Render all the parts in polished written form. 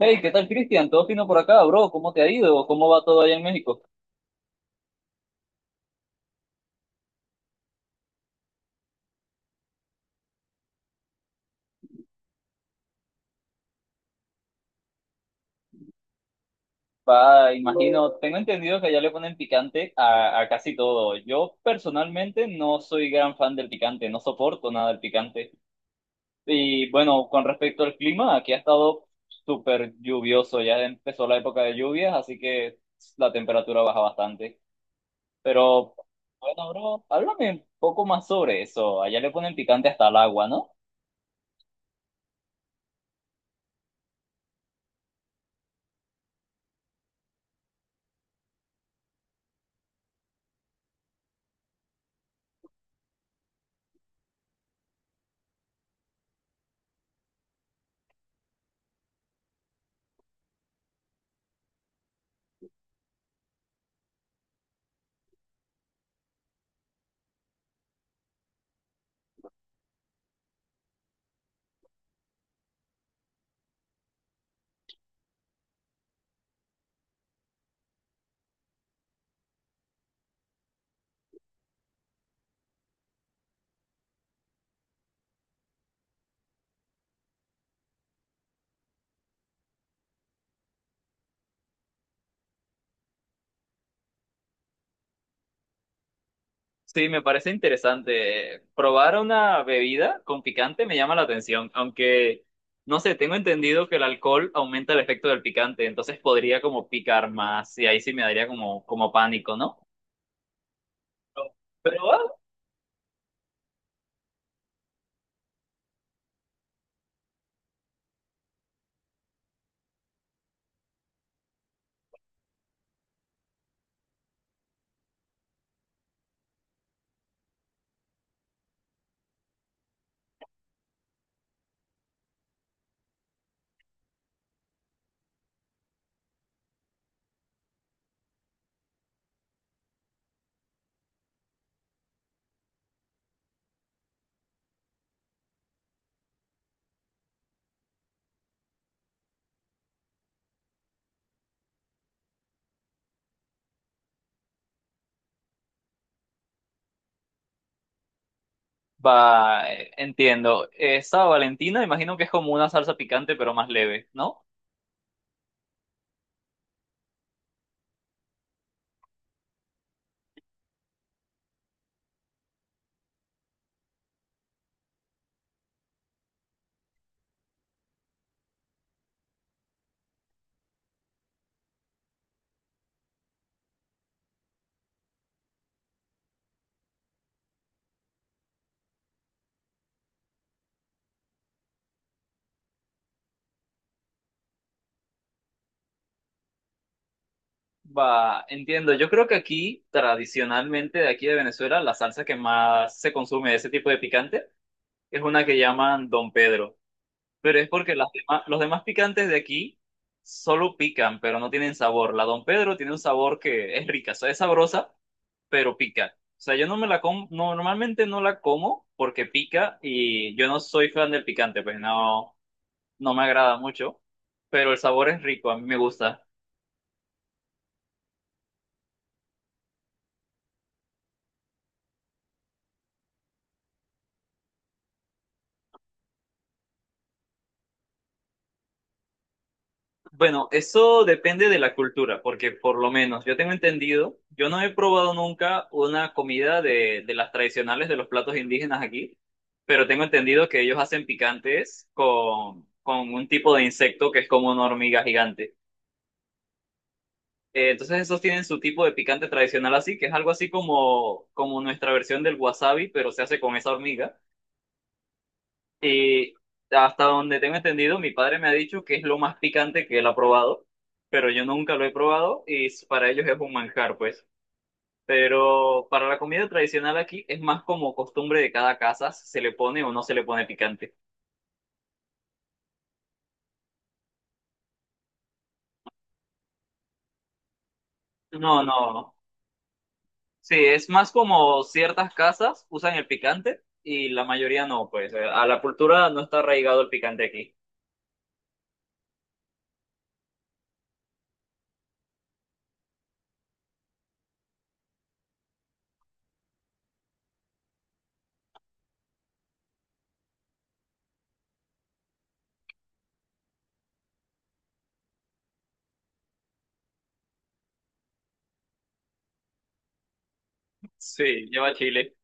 Hey, ¿qué tal, Cristian? Todo fino por acá, bro. ¿Cómo te ha ido? ¿Cómo va todo allá en México? Va, imagino, tengo entendido que allá le ponen picante a casi todo. Yo personalmente no soy gran fan del picante, no soporto nada del picante. Y bueno, con respecto al clima, aquí ha estado súper lluvioso. Ya empezó la época de lluvias, así que la temperatura baja bastante. Pero bueno, bro, háblame un poco más sobre eso. Allá le ponen picante hasta el agua, ¿no? Sí, me parece interesante. Probar una bebida con picante me llama la atención, aunque no sé, tengo entendido que el alcohol aumenta el efecto del picante, entonces podría como picar más y ahí sí me daría como, como pánico, ¿no? Pero va, entiendo. Esa Valentina, imagino que es como una salsa picante, pero más leve, ¿no? Va, entiendo. Yo creo que aquí, tradicionalmente, de aquí de Venezuela, la salsa que más se consume de ese tipo de picante es una que llaman Don Pedro. Pero es porque los demás picantes de aquí solo pican, pero no tienen sabor. La Don Pedro tiene un sabor que es rica, o sea, es sabrosa, pero pica. O sea, yo no me la como, normalmente no la como porque pica y yo no soy fan del picante, pues no, no me agrada mucho, pero el sabor es rico, a mí me gusta. Bueno, eso depende de la cultura, porque por lo menos yo tengo entendido, yo no he probado nunca una comida de las tradicionales de los platos indígenas aquí, pero tengo entendido que ellos hacen picantes con un tipo de insecto que es como una hormiga gigante. Entonces esos tienen su tipo de picante tradicional así, que es algo así como, como nuestra versión del wasabi, pero se hace con esa hormiga. Y hasta donde tengo entendido, mi padre me ha dicho que es lo más picante que él ha probado, pero yo nunca lo he probado para ellos es un manjar, pues. Pero para la comida tradicional aquí es más como costumbre de cada casa, si se le pone o no se le pone picante. No, no. Sí, es más como ciertas casas usan el picante y la mayoría no, pues. A la cultura no está arraigado el picante aquí. Sí, lleva chile.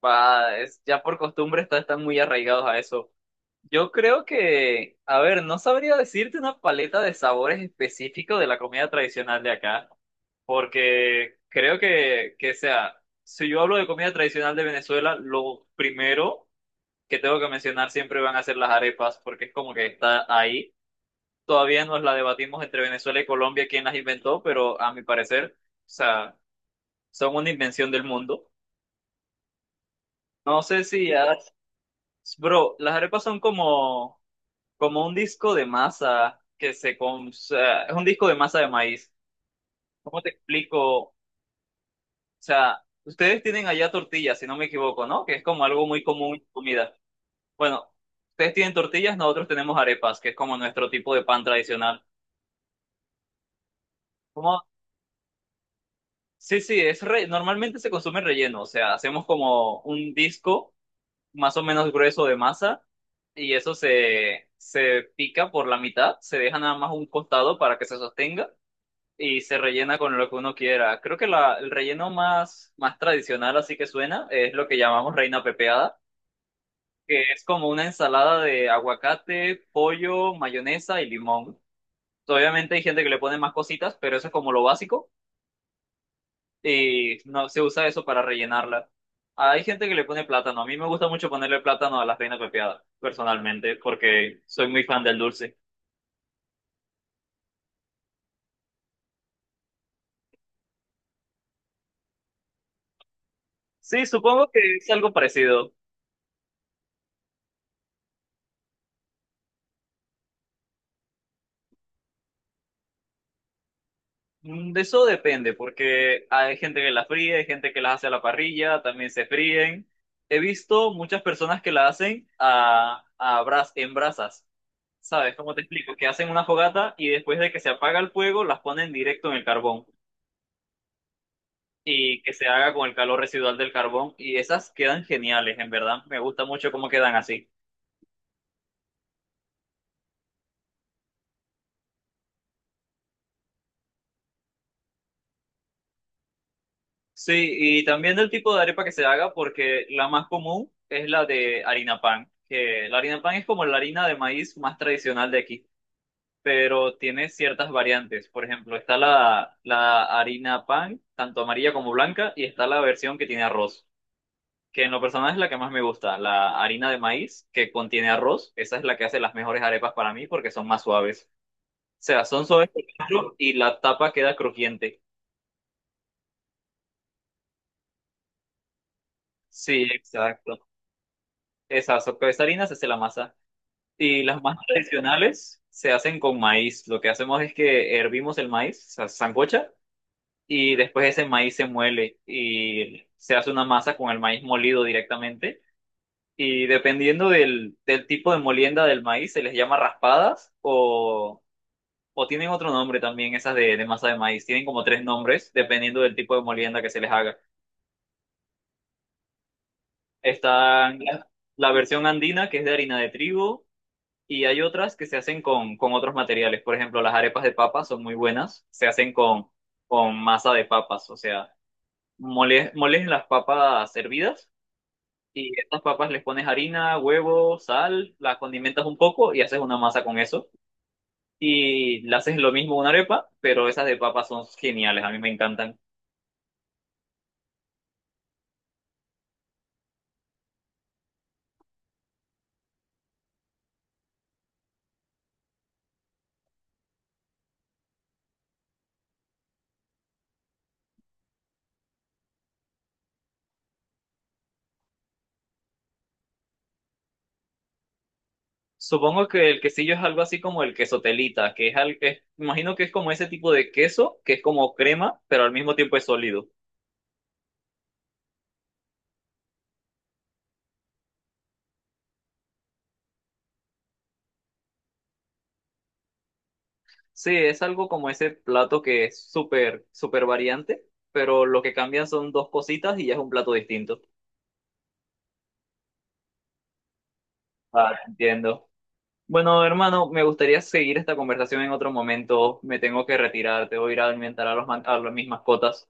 Ya por costumbre están muy arraigados a eso. Yo creo que, a ver, no sabría decirte una paleta de sabores específicos de la comida tradicional de acá, porque creo que sea, si yo hablo de comida tradicional de Venezuela, lo primero que tengo que mencionar siempre van a ser las arepas, porque es como que está ahí. Todavía nos la debatimos entre Venezuela y Colombia quién las inventó, pero a mi parecer, o sea, son una invención del mundo. No sé si, has- Bro, las arepas son como un disco de masa que se... o sea, es un disco de masa de maíz. ¿Cómo te explico? O sea, ustedes tienen allá tortillas, si no me equivoco, ¿no? Que es como algo muy común en comida. Bueno, ustedes tienen tortillas, nosotros tenemos arepas, que es como nuestro tipo de pan tradicional. Como Sí, sí, normalmente se consume relleno, o sea, hacemos como un disco más o menos grueso de masa y eso se pica por la mitad, se deja nada más un costado para que se sostenga y se rellena con lo que uno quiera. Creo que el relleno más tradicional, así que suena, es lo que llamamos reina pepeada, que es como una ensalada de aguacate, pollo, mayonesa y limón. Obviamente hay gente que le pone más cositas, pero eso es como lo básico y no se usa eso para rellenarla. Hay gente que le pone plátano. A mí me gusta mucho ponerle plátano a la reina pepeada, personalmente, porque soy muy fan del dulce. Sí, supongo que es algo parecido. Mm, de eso depende, porque hay gente que las fríe, hay gente que las hace a la parrilla, también se fríen. He visto muchas personas que la hacen a, en brasas, ¿sabes? ¿Cómo te explico? Que hacen una fogata y después de que se apaga el fuego, las ponen directo en el carbón y que se haga con el calor residual del carbón. Y esas quedan geniales, en verdad. Me gusta mucho cómo quedan así. Sí, y también del tipo de arepa que se haga, porque la más común es la de harina pan, que la harina pan es como la harina de maíz más tradicional de aquí. Pero tiene ciertas variantes. Por ejemplo, está la harina pan, tanto amarilla como blanca, y está la versión que tiene arroz, que en lo personal es la que más me gusta. La harina de maíz que contiene arroz, esa es la que hace las mejores arepas para mí porque son más suaves. O sea, son suaves por dentro y la tapa queda crujiente. Sí, exacto. Con esa harina se hace la masa. Y las más tradicionales se hacen con maíz. Lo que hacemos es que hervimos el maíz, o sea, sancocha, y después ese maíz se muele y se hace una masa con el maíz molido directamente. Y dependiendo del tipo de molienda del maíz, se les llama raspadas o tienen otro nombre también, esas de masa de maíz. Tienen como tres nombres dependiendo del tipo de molienda que se les haga. Está la versión andina, que es de harina de trigo, y hay otras que se hacen con otros materiales. Por ejemplo, las arepas de papas son muy buenas, se hacen con masa de papas, o sea, moles las papas hervidas. Y estas papas les pones harina, huevo, sal, la condimentas un poco y haces una masa con eso. Y le haces lo mismo a una arepa, pero esas de papas son geniales, a mí me encantan. Supongo que el quesillo es algo así como el queso telita, que es, imagino que es como ese tipo de queso, que es como crema, pero al mismo tiempo es sólido. Sí, es algo como ese plato que es súper, súper variante, pero lo que cambian son dos cositas y ya es un plato distinto. Ah, entiendo. Bueno, hermano, me gustaría seguir esta conversación en otro momento. Me tengo que retirar, te voy a ir a alimentar a los man- a los- mis mascotas.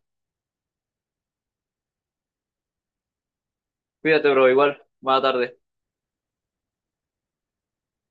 Cuídate, bro, igual. Buena tarde.